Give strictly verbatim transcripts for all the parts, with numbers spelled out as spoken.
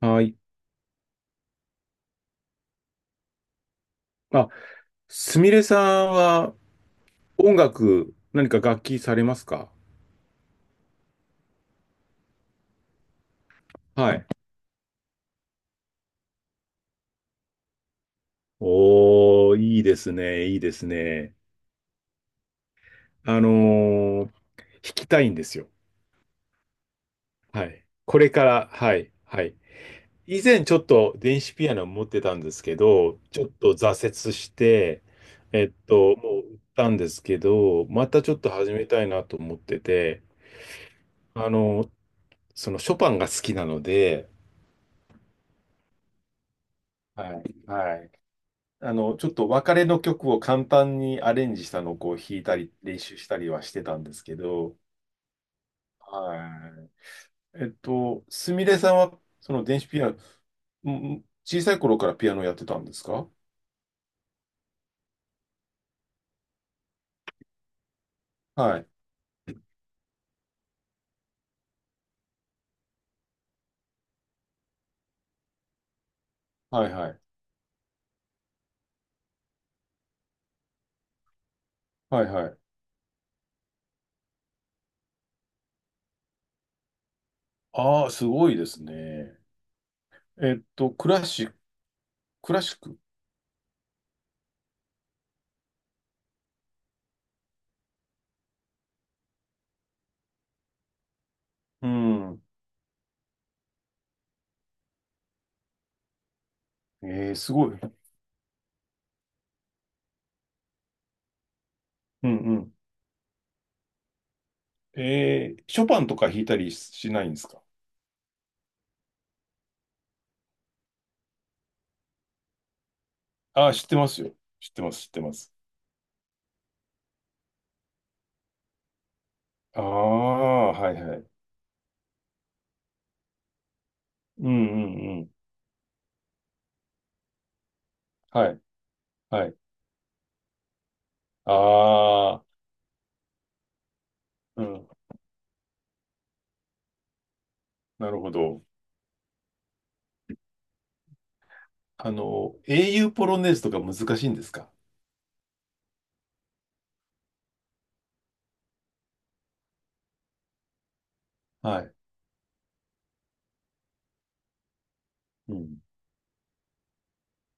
はい。あ、すみれさんは音楽、何か楽器されますか？はい。おー、いいですね、いいですね。あのー弾きたいんですよ。はい。これから、はい、はい。以前ちょっと電子ピアノ持ってたんですけど、ちょっと挫折して、えっと、もう売ったんですけど、またちょっと始めたいなと思ってて、あのーそのショパンが好きなので、はい、はい。あの、ちょっと別れの曲を簡単にアレンジしたのをこう弾いたり、練習したりはしてたんですけど、はい。えっと、すみれさんは、その電子ピアノ、んん小さい頃からピアノやってたんですか？はい。はいはい。はいはい。ああ、すごいですね。えっと、クラシック、クラシック。うん。えー、すごい。うんうん。えー、ショパンとか弾いたりしないんですか？ああー、知ってますよ。知ってます、知ってます。ああ、はいはい。うんうんうん。はい、はい。ああ、うん、なるほど。あの、英雄ポロネーズとか難しいんですか？はい。うん、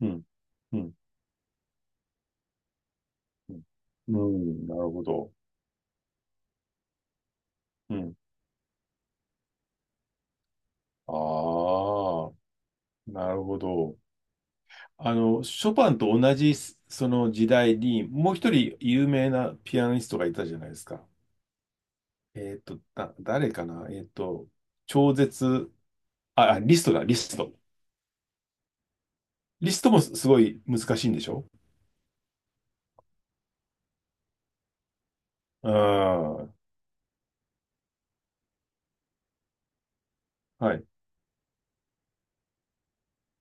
うん、うん、うん、うんなるほど。うん。ああ、なるほど。あの、ショパンと同じすその時代に、もう一人有名なピアニストがいたじゃないですか。えっと、だ、誰かなえっと、超絶、あ、あリストだ、リスト。リストもすすごい難しいんでしょ？うん。はい、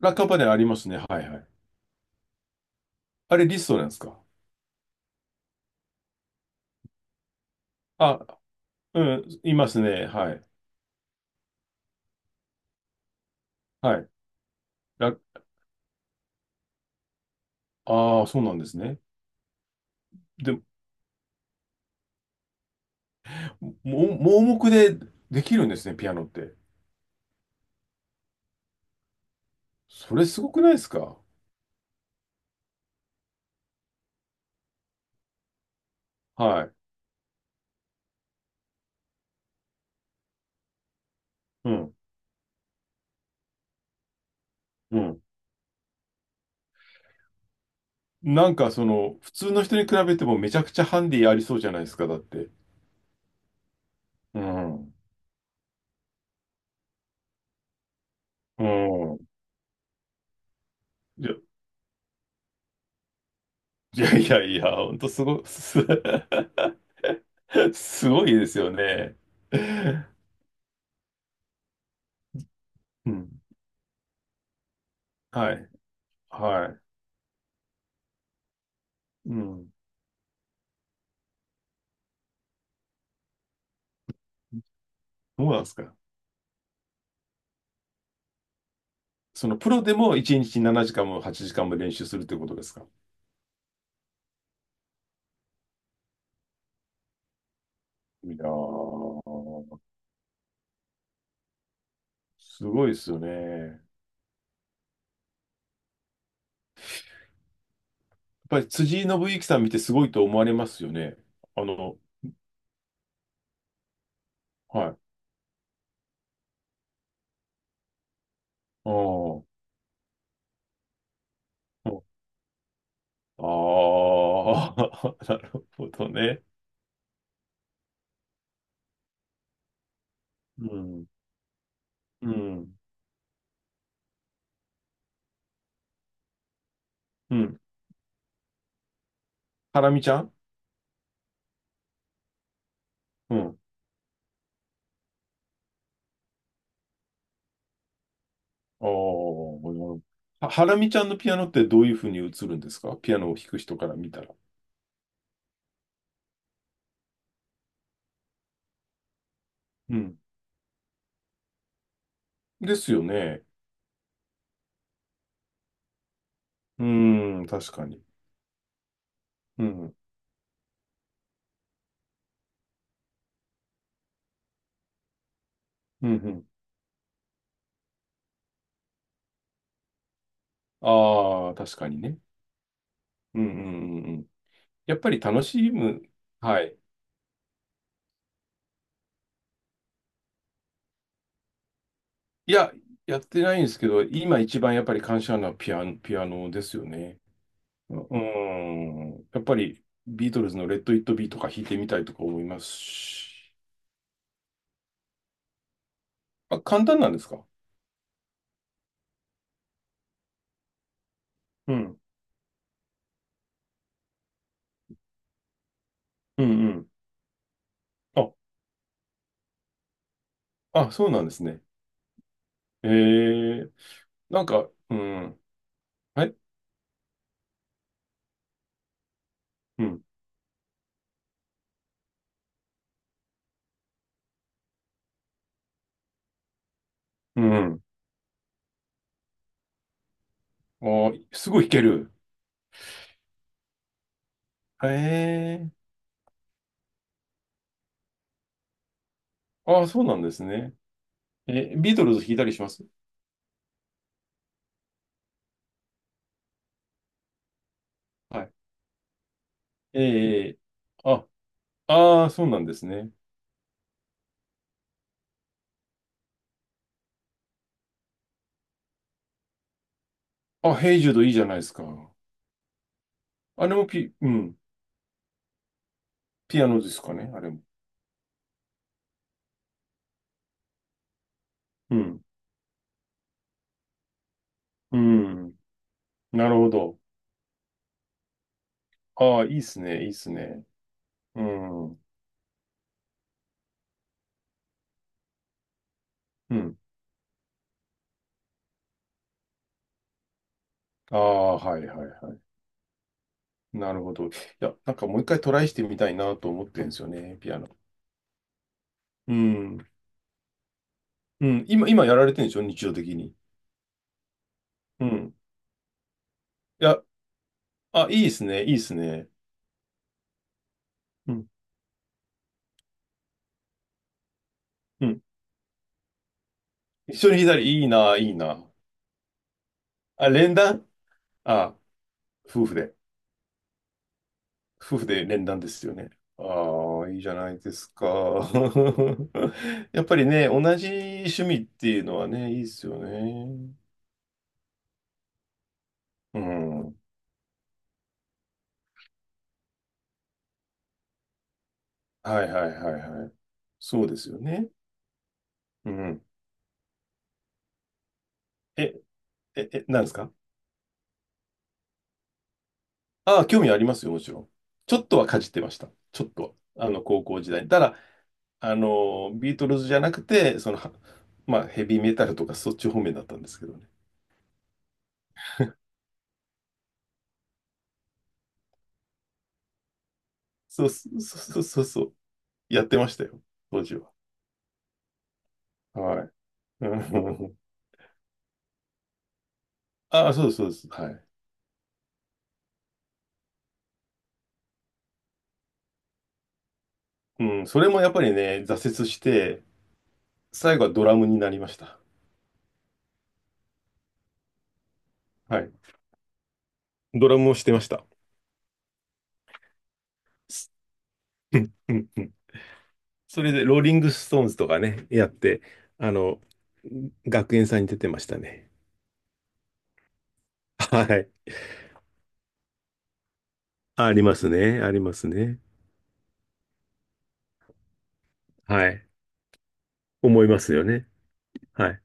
ラッカパネルありますね。はいはい。あれリストなんですか？あ、うん、いますね。はい。はい。ラ、ああ、そうなんですね。で、も、盲目でできるんですね、ピアノって。それすごくないですか？はい。うん、うん。なんかその、普通の人に比べてもめちゃくちゃハンディありそうじゃないですか、だって。うん。うん。いや、いやいやいや、ほんとすご、す、すごいですよね。うん。はい。はい。うん。どうなんですか？そのプロでもいちにちしちじかんもはちじかんも練習するってことですか？いやー、すごいですよね。やっぱり辻井伸行さん見てすごいと思われますよね。あの、はい。あーあー、なるほどね。うん、うん、うん。ハラミちゃん。うん。あーはハラミちゃんのピアノってどういうふうに映るんですか？ピアノを弾く人から見たら。うん。ですよね。うん、確かに。うん。うんうん。ああ、確かにね。うんうんうんうん。やっぱり楽しむ。はい。いや、やってないんですけど、今一番やっぱり感謝なピアノ、ピアノですよね。ううん。やっぱりビートルズのレッド・イット・ビーとか弾いてみたいとか思いますし。あ、簡単なんですか？うん。うんうん。あ、あ、そうなんですね。えーなんか、うん。はい。うん。うん。あー、すごい弾ける。へえ。ああ、そうなんですね。えービートルズ弾いたりします？はい。えー、あ、ああ、そうなんですね。あ、ヘイジュードいいじゃないですか。あれもピ、うん、ピアノですかね、あれも。うん、うん、なるほど。ああ、いいっすね、いいっすね。うん、うん。ああ、はいはいはい。なるほど。いや、なんかもう一回トライしてみたいなと思ってるんですよね、ピアノ。うん、うん、今、今やられてるんでしょ、日常的に。うん。いや、あ、いいっすね、いいっすね。うん、うん。一緒に左、いいな、いいな。あ、連弾。あ、夫婦で。夫婦で連弾ですよね。ああ、いいじゃないですか。やっぱりね、同じ趣味っていうのはね、いいですよね。うん。はいはいはいはい。そうですよね。うん。え、え、え、なんですか？ああ、興味ありますよ、もちろん。ちょっとはかじってました。ちょっとは。あの、高校時代に。ただ、あの、ビートルズじゃなくて、その、はまあ、ヘビーメタルとかそっち方面だったんですけどね。そうそうそうそうそう。やってましたよ、当時は。はい。うん ああ、そうです、そうです。はい。うん、それもやっぱりね、挫折して、最後はドラムになりました。はい。ドラムをしてました。すうんうんうん。それで、ローリングストーンズとかね、やって、あの、学園祭に出てましたね。はい。ありますね。ありますね。はい。思いますよね。はい。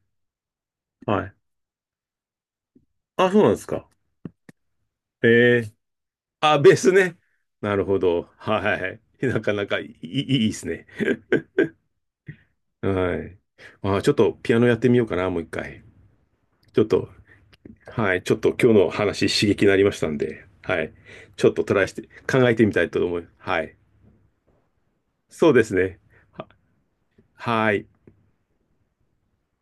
はい。あ、そうなんですか。ええ、あ、ベースね。なるほど。はい。なかなかいい、いいですね。はい。あー、ちょっとピアノやってみようかな、もう一回。ちょっと、はい。ちょっと今日の話刺激になりましたんで、はい。ちょっとトライして、考えてみたいと思います。はい。そうですね。は、はい。